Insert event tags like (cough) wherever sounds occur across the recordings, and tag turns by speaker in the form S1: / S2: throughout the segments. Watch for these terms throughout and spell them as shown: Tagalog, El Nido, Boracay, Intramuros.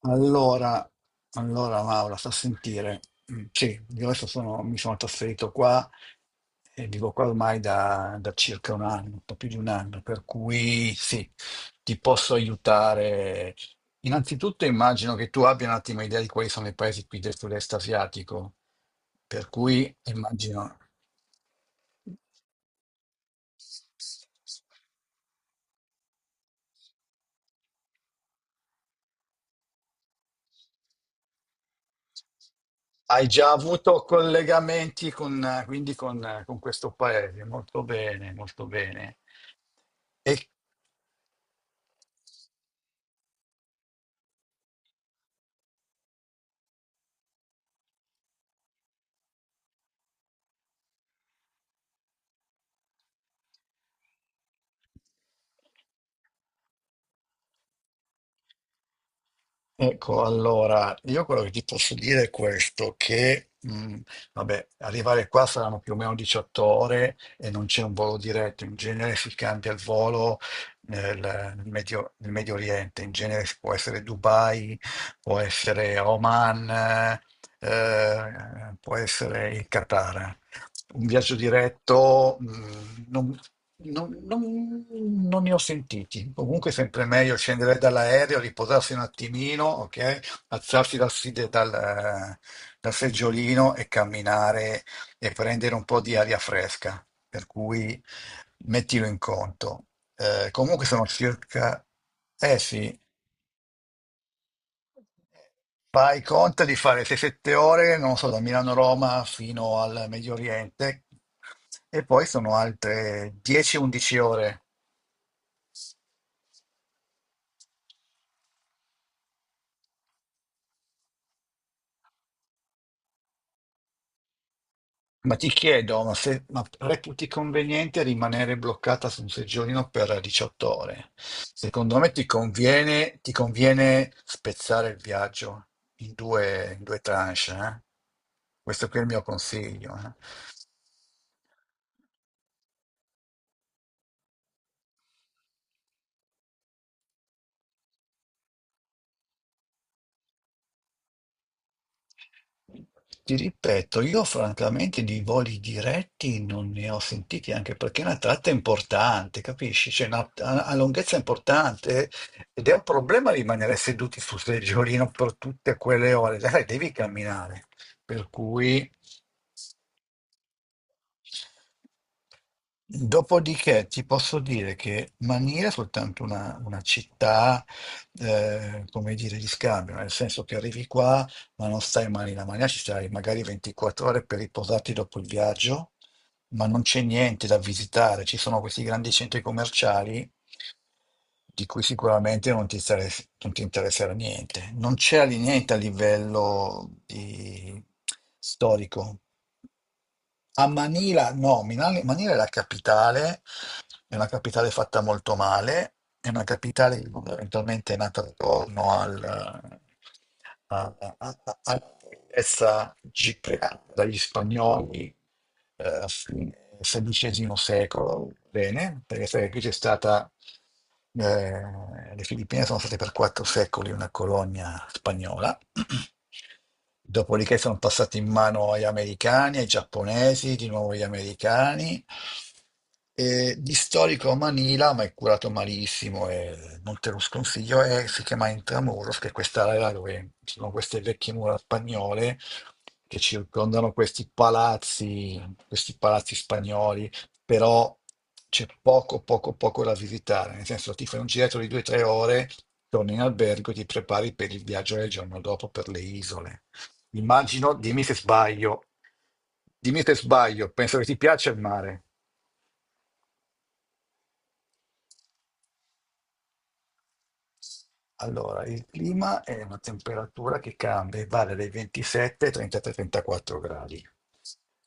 S1: Allora, allora Maura, sta a sentire. Mm, sì, io adesso mi sono trasferito qua e vivo qua ormai da circa un anno, un po' più di un anno, per cui sì, ti posso aiutare. Innanzitutto immagino che tu abbia un attimo idea di quali sono i paesi qui del sud-est asiatico, per cui immagino. Hai già avuto collegamenti con questo paese, molto bene, molto bene. E Ecco, allora, io quello che ti posso dire è questo, che vabbè, arrivare qua saranno più o meno 18 ore e non c'è un volo diretto. In genere si cambia il volo nel Medio Oriente, in genere può essere Dubai, può essere Oman, può essere il Qatar. Un viaggio diretto, non ne ho sentiti. Comunque è sempre meglio scendere dall'aereo, riposarsi un attimino, ok? Alzarsi dal seggiolino e camminare e prendere un po' di aria fresca. Per cui mettilo in conto. Comunque sono circa, eh sì, fai conto di fare 6-7 ore, non so, da Milano a Roma fino al Medio Oriente, e poi sono altre 10-11 ore. Ma ti chiedo, ma, se, ma reputi conveniente rimanere bloccata su un seggiolino per 18 ore? Secondo me ti conviene spezzare il viaggio in due tranche, eh? Questo qui è il mio consiglio, eh? Ti ripeto, io francamente di voli diretti non ne ho sentiti, anche perché è una tratta importante, capisci? C'è una, ha ha lunghezza importante ed è un problema rimanere seduti sul seggiolino per tutte quelle ore. Sai, devi camminare, per cui... Dopodiché ti posso dire che Mania è soltanto una città, come dire, di scambio, nel senso che arrivi qua, ma non stai mai in Mania, ci stai magari 24 ore per riposarti dopo il viaggio, ma non c'è niente da visitare, ci sono questi grandi centri commerciali di cui sicuramente non ti interesserà niente. Non c'è niente a livello storico. A Manila, no, Manila è la capitale, è una capitale fatta molto male, è una capitale che fondamentalmente è nata attorno al, a, a, a- a- alla ricchezza gigante dagli spagnoli, a fine XVI secolo. Bene, perché sai che qui eh, le Filippine sono state per 4 secoli una colonia spagnola. (clears throat) Dopodiché sono passate in mano agli americani, ai giapponesi, di nuovo agli americani. E di storico Manila, ma è curato malissimo e non te lo sconsiglio, e si chiama Intramuros, che è quest'area dove ci sono queste vecchie mura spagnole che circondano questi palazzi spagnoli, però c'è poco, poco, poco da visitare, nel senso ti fai un giretto di 2 o 3 ore, torni in albergo e ti prepari per il viaggio del giorno dopo per le isole. Immagino, dimmi se sbaglio, penso che ti piaccia il mare. Allora, il clima è una temperatura che cambia, e varia dai 27 ai 33-34 gradi.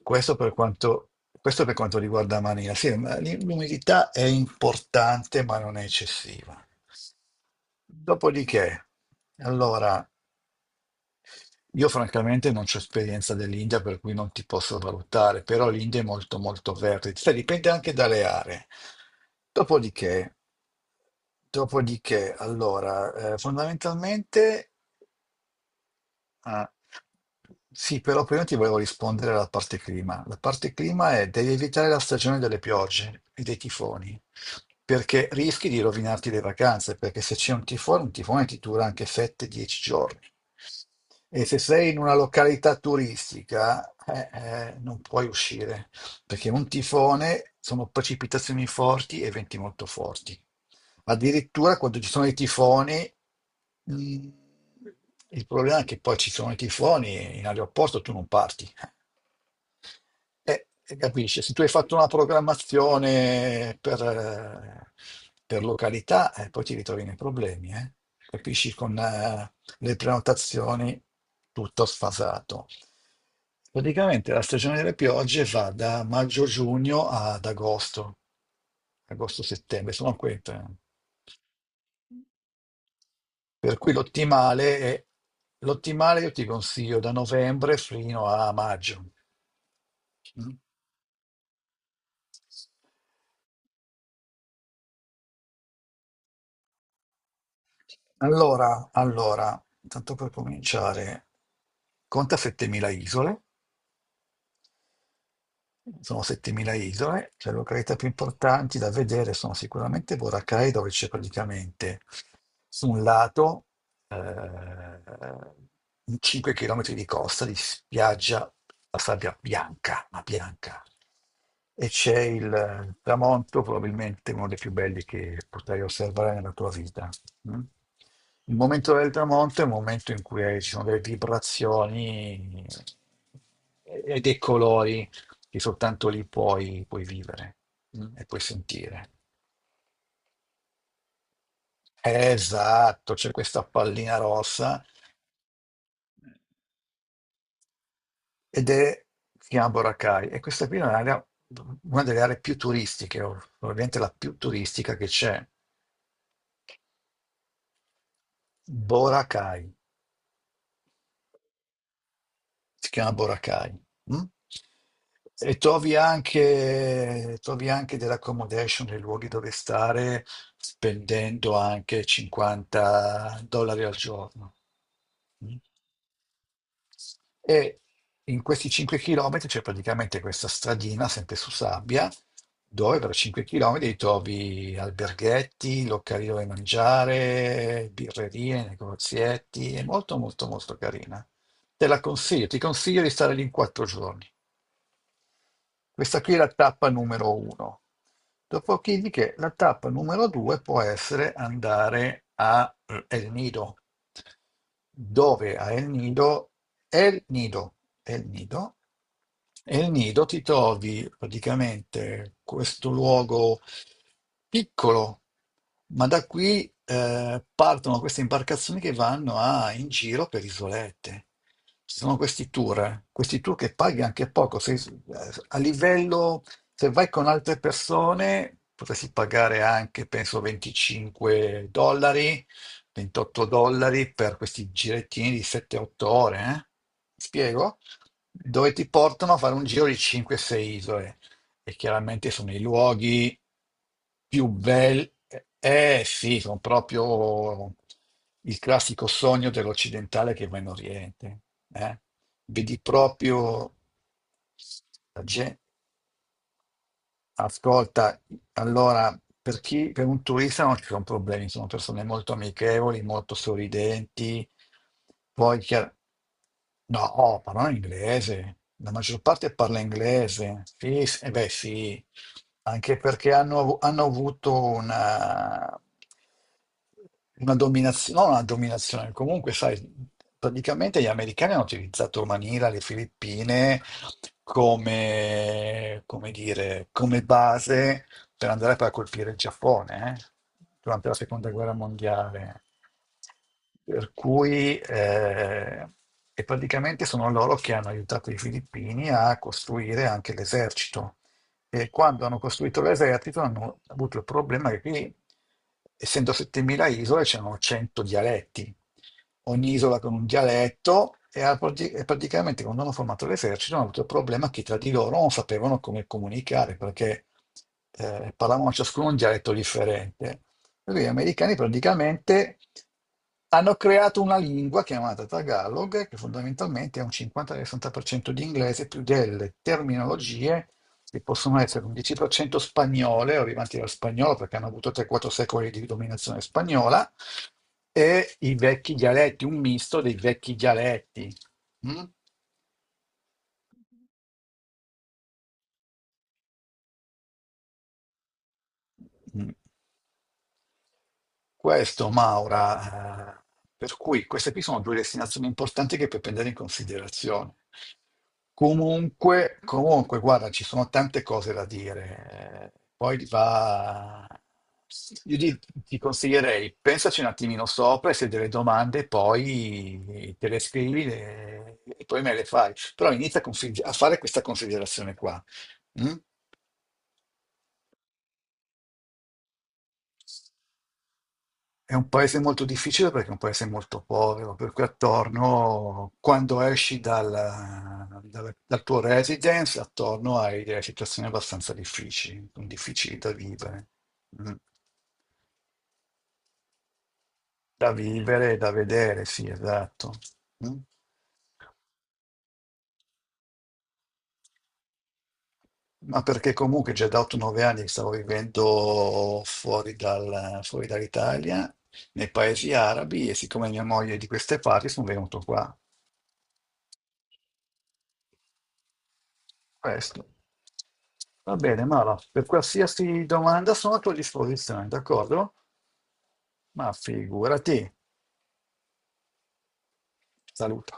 S1: Questo per quanto, questo per quanto riguarda Maria. Sì, ma l'umidità è importante, ma non è eccessiva. Dopodiché, allora, io francamente non ho esperienza dell'India, per cui non ti posso valutare, però l'India è molto molto verde. Sai, dipende anche dalle aree. Dopodiché, dopodiché, allora, fondamentalmente. Ah, sì, però prima ti volevo rispondere alla parte clima. La parte clima è devi evitare la stagione delle piogge e dei tifoni, perché rischi di rovinarti le vacanze, perché se c'è un tifone, ti dura anche 7-10 giorni. E se sei in una località turistica, non puoi uscire perché un tifone sono precipitazioni forti e venti molto forti. Addirittura quando ci sono i tifoni, mh, il problema è che poi ci sono i tifoni e in aeroporto tu non parti. Capisci, se tu hai fatto una programmazione per località, poi ti ritrovi nei problemi, eh. Capisci, con le prenotazioni, tutto sfasato. Praticamente la stagione delle piogge va da maggio-giugno ad agosto, agosto-settembre, sono queste. Per cui l'ottimale io ti consiglio da novembre fino a maggio. Mm? Allora, tanto per cominciare, conta 7.000 isole, sono 7.000 isole, le località più importanti da vedere sono sicuramente Boracay, dove c'è praticamente su un lato eh, 5 km di costa di spiaggia, la sabbia bianca, ma bianca. E c'è il tramonto, probabilmente uno dei più belli che potrai osservare nella tua vita. Mm? Il momento del tramonto è un momento in cui ci sono delle vibrazioni e dei colori che soltanto lì puoi, puoi vivere, e puoi sentire. Esatto, c'è questa pallina rossa ed è si chiama Boracay, e questa qui è una delle aree più turistiche, o probabilmente la più turistica che c'è. Boracay, si chiama Boracay. Mm? E trovi anche dell'accommodation, dei luoghi dove stare, spendendo anche 50 dollari al giorno. Mm? E in questi 5 chilometri c'è praticamente questa stradina, sempre su sabbia, dove per 5 chilometri trovi alberghetti, locali dove mangiare, birrerie, negozietti, è molto molto molto carina. Te la consiglio, ti consiglio di stare lì in 4 giorni. Questa qui è la tappa numero uno. Dopodiché la tappa numero due può essere andare a El Nido, dove a El Nido. El Nido. El Nido. El Nido ti trovi praticamente questo luogo piccolo, ma da qui partono queste imbarcazioni che vanno in giro per isolette. Ci sono questi tour che paghi anche poco. Se, a livello, se vai con altre persone, potresti pagare anche, penso, 25 dollari, 28 dollari per questi girettini di 7-8 ore. Spiego? Dove ti portano a fare un giro di 5-6 isole e chiaramente sono i luoghi più belli. Eh sì, sono proprio il classico sogno dell'occidentale che va in Oriente. eh. Vedi proprio la gente. Ascolta, allora, per chi, per un turista non ci sono problemi, sono persone molto amichevoli, molto sorridenti. Poi, no, oh, parlano inglese, la maggior parte parla inglese. Sì, eh beh, sì, anche perché hanno avuto una dominazione, non una dominazione, comunque, sai, praticamente gli americani hanno utilizzato Manila, le Filippine come dire, come base per andare poi a colpire il Giappone, durante la seconda guerra mondiale. Per cui, e praticamente sono loro che hanno aiutato i filippini a costruire anche l'esercito. E quando hanno costruito l'esercito hanno avuto il problema che qui, essendo 7.000 isole, c'erano 100 dialetti, ogni isola con un dialetto, e praticamente quando hanno formato l'esercito hanno avuto il problema che tra di loro non sapevano come comunicare, perché parlavano ciascuno un dialetto differente. Per cui gli americani praticamente hanno creato una lingua chiamata Tagalog, che fondamentalmente è un 50-60% di inglese più delle terminologie, sì, possono essere un 10% spagnole, arrivanti dallo spagnolo, perché hanno avuto 3-4 secoli di dominazione spagnola, e i vecchi dialetti, un misto dei vecchi dialetti. Mm? Mm. Questo, Maura, per cui queste qui sono due destinazioni importanti che puoi prendere in considerazione. Comunque, guarda, ci sono tante cose da dire. Io ti consiglierei, pensaci un attimino sopra e se hai delle domande poi te le scrivi e poi me le fai. Però inizia a fare questa considerazione qua. Mm? È un paese molto difficile perché è un paese molto povero, per cui attorno, quando esci dal tuo residence, attorno hai delle situazioni abbastanza difficili, difficili da vivere. Mm. Da vivere e da vedere, sì, esatto. Mm. Ma perché comunque già da 8-9 anni che stavo vivendo fuori dall'Italia, nei paesi arabi, e siccome mia moglie è di queste parti, sono venuto qua. Questo. Va bene, Mara, per qualsiasi domanda sono a tua disposizione, d'accordo? Ma figurati. Salutiamo.